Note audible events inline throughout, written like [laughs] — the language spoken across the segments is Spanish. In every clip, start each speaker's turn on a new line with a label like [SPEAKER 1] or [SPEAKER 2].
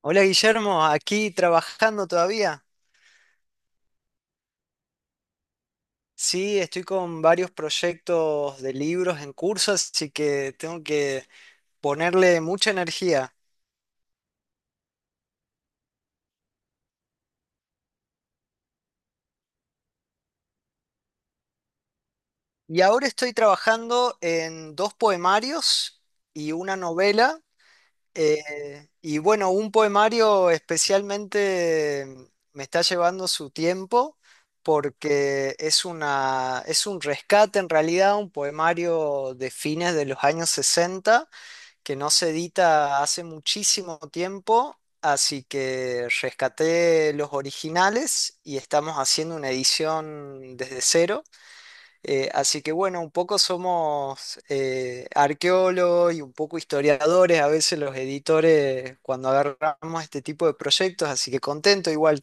[SPEAKER 1] Hola Guillermo, aquí trabajando todavía. Sí, estoy con varios proyectos de libros en curso, así que tengo que ponerle mucha energía. Y ahora estoy trabajando en dos poemarios y una novela. Y bueno, un poemario especialmente me está llevando su tiempo porque es un rescate en realidad, un poemario de fines de los años 60 que no se edita hace muchísimo tiempo, así que rescaté los originales y estamos haciendo una edición desde cero. Así que bueno, un poco somos arqueólogos y un poco historiadores, a veces los editores cuando agarramos este tipo de proyectos, así que contento igual.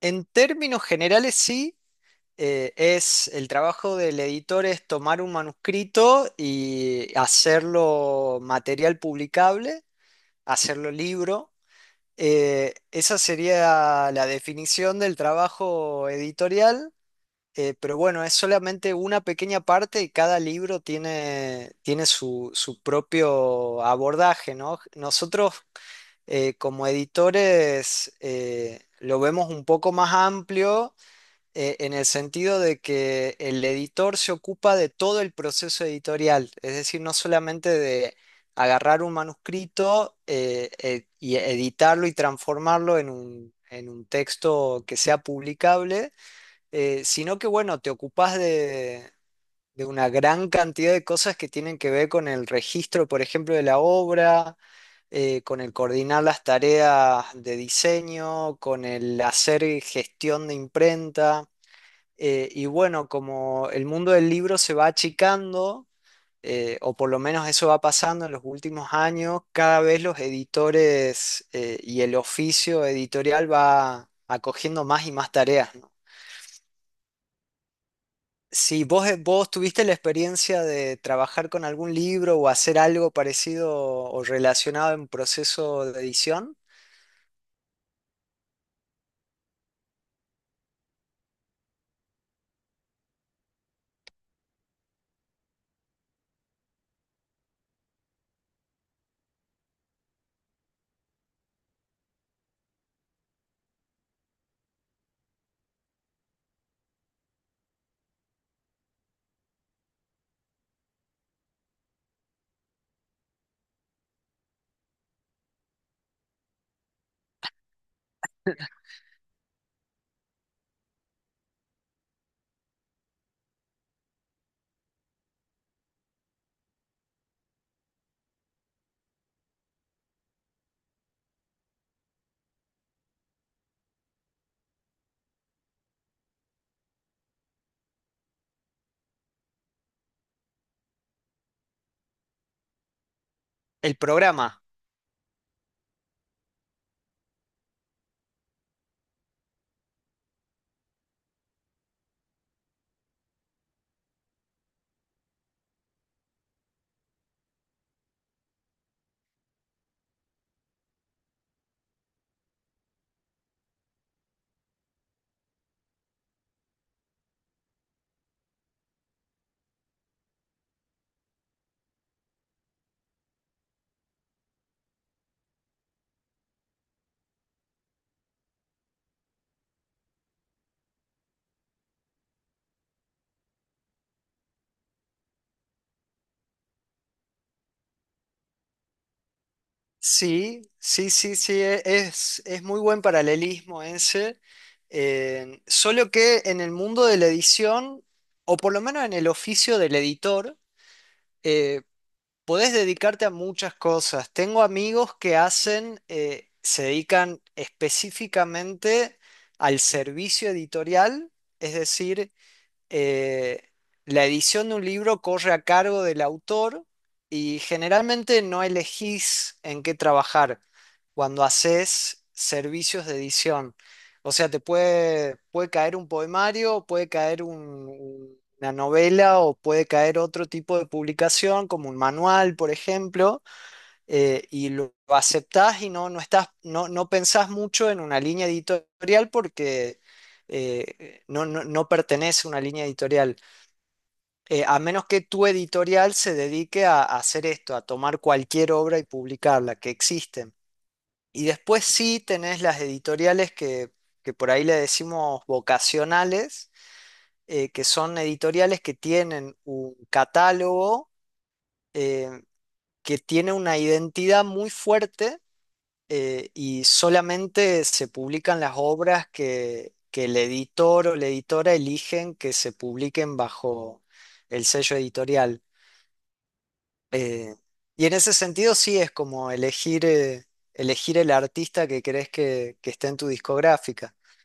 [SPEAKER 1] En términos generales, sí. Es El trabajo del editor es tomar un manuscrito y hacerlo material publicable, hacerlo libro. Esa sería la definición del trabajo editorial. Pero bueno, es solamente una pequeña parte y cada libro tiene su, su propio abordaje, ¿no? Nosotros, como editores, lo vemos un poco más amplio, en el sentido de que el editor se ocupa de todo el proceso editorial, es decir, no solamente de agarrar un manuscrito y editarlo y transformarlo en un texto que sea publicable, sino que, bueno, te ocupas de una gran cantidad de cosas que tienen que ver con el registro, por ejemplo, de la obra, con el coordinar las tareas de diseño, con el hacer gestión de imprenta. Y bueno, como el mundo del libro se va achicando, o por lo menos eso va pasando en los últimos años, cada vez los editores, y el oficio editorial va acogiendo más y más tareas, ¿no? Si vos tuviste la experiencia de trabajar con algún libro o hacer algo parecido o relacionado en proceso de edición, el programa. Sí, sí, sí, sí, es muy buen paralelismo ese, solo que en el mundo de la edición, o por lo menos en el oficio del editor, eh, podés dedicarte a muchas cosas. Tengo amigos que se dedican específicamente al servicio editorial, es decir, eh, la edición de un libro corre a cargo del autor y generalmente no elegís en qué trabajar cuando haces servicios de edición. O sea, puede caer un poemario, puede caer una novela o puede caer otro tipo de publicación, como un manual, por ejemplo. Y lo aceptás y no, no, estás, no, no pensás mucho en una línea editorial porque no, no, no pertenece a una línea editorial. A menos que tu editorial se dedique a hacer esto, a tomar cualquier obra y publicarla, que existen. Y después sí tenés las editoriales que por ahí le decimos vocacionales, que son editoriales que tienen un catálogo, eh, que tiene una identidad muy fuerte, y solamente se publican las obras que el editor o la editora eligen que se publiquen bajo el sello editorial. Eh, y en ese sentido sí es como elegir el artista que crees que esté en tu discográfica. [laughs]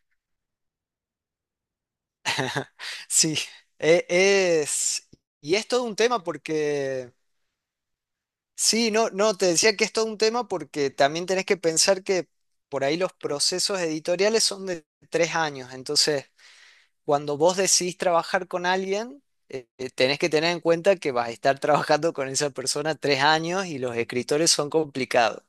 [SPEAKER 1] Sí, es... Y es todo un tema porque... Sí, no, no, te decía que es todo un tema porque también tenés que pensar que por ahí los procesos editoriales son de 3 años, entonces cuando vos decidís trabajar con alguien, tenés que tener en cuenta que vas a estar [laughs] trabajando con esa persona 3 años y los escritores son complicados.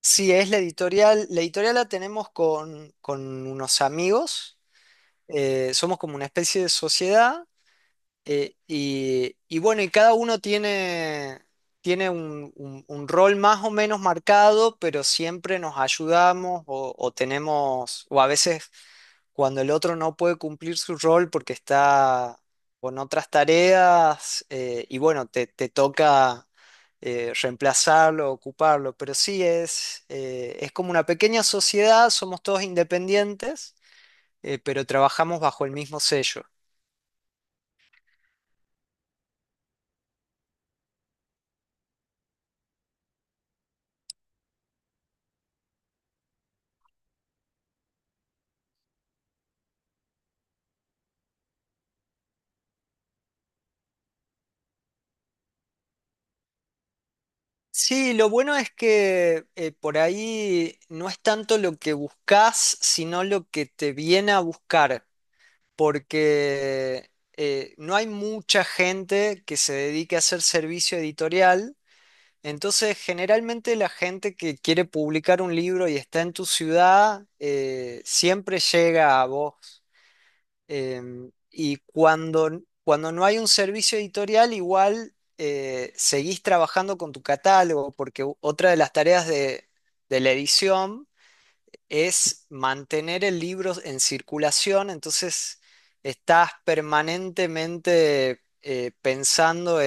[SPEAKER 1] Sí, es la editorial. La editorial la tenemos con unos amigos. Somos como una especie de sociedad. Y bueno, y cada uno tiene un, un rol más o menos marcado, pero siempre nos ayudamos o tenemos, o a veces cuando el otro no puede cumplir su rol porque está con otras tareas, y bueno, te toca reemplazarlo, ocuparlo, pero sí es como una pequeña sociedad, somos todos independientes, pero trabajamos bajo el mismo sello. Sí, lo bueno es que por ahí no es tanto lo que buscas, sino lo que te viene a buscar, porque no hay mucha gente que se dedique a hacer servicio editorial, entonces generalmente la gente que quiere publicar un libro y está en tu ciudad, siempre llega a vos. Y cuando no hay un servicio editorial, igual seguís trabajando con tu catálogo, porque otra de las tareas de la edición es mantener el libro en circulación, entonces estás permanentemente pensando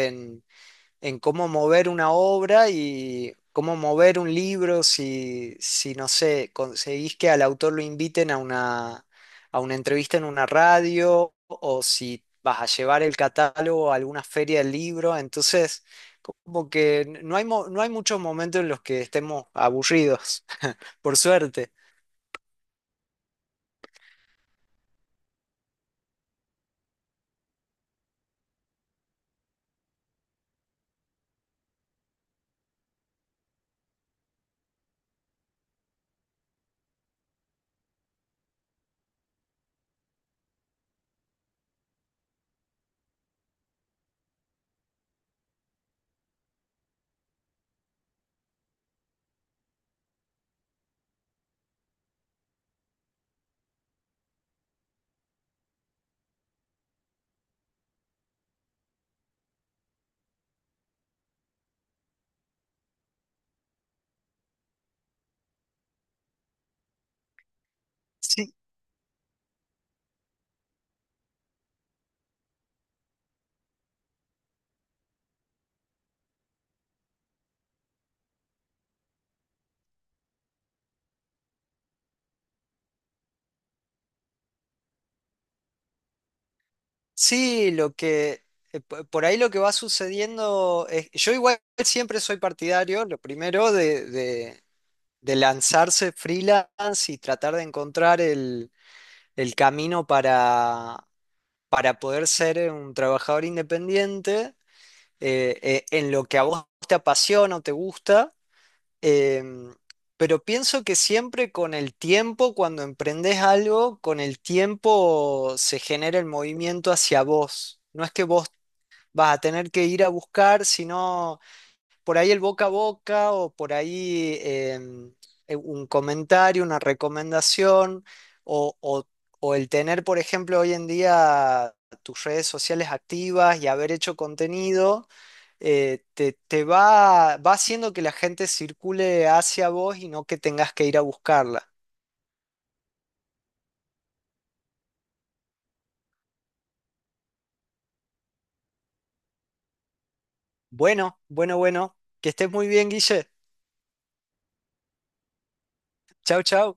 [SPEAKER 1] en cómo mover una obra y cómo mover un libro si, si no sé, conseguís que al autor lo inviten a una entrevista en una radio o si vas a llevar el catálogo a alguna feria del libro. Entonces, como que no hay muchos momentos en los que estemos aburridos, [laughs] por suerte. Sí, sí, lo que... Por ahí lo que va sucediendo es, yo igual siempre soy partidario, lo primero, de lanzarse freelance y tratar de encontrar el camino para poder ser un trabajador independiente, en lo que a vos te apasiona o te gusta. em, pero pienso que siempre con el tiempo, cuando emprendés algo, con el tiempo se genera el movimiento hacia vos. No es que vos vas a tener que ir a buscar, sino por ahí el boca a boca o por ahí em, un comentario, una recomendación o, o- o el tener, por ejemplo, hoy en día tus redes sociales activas y haber hecho contenido, te va haciendo que la gente circule hacia vos y no que tengas que ir a buscarla. Bueno, bueno, bueno, que estés muy bien, Guille. Chau, chau.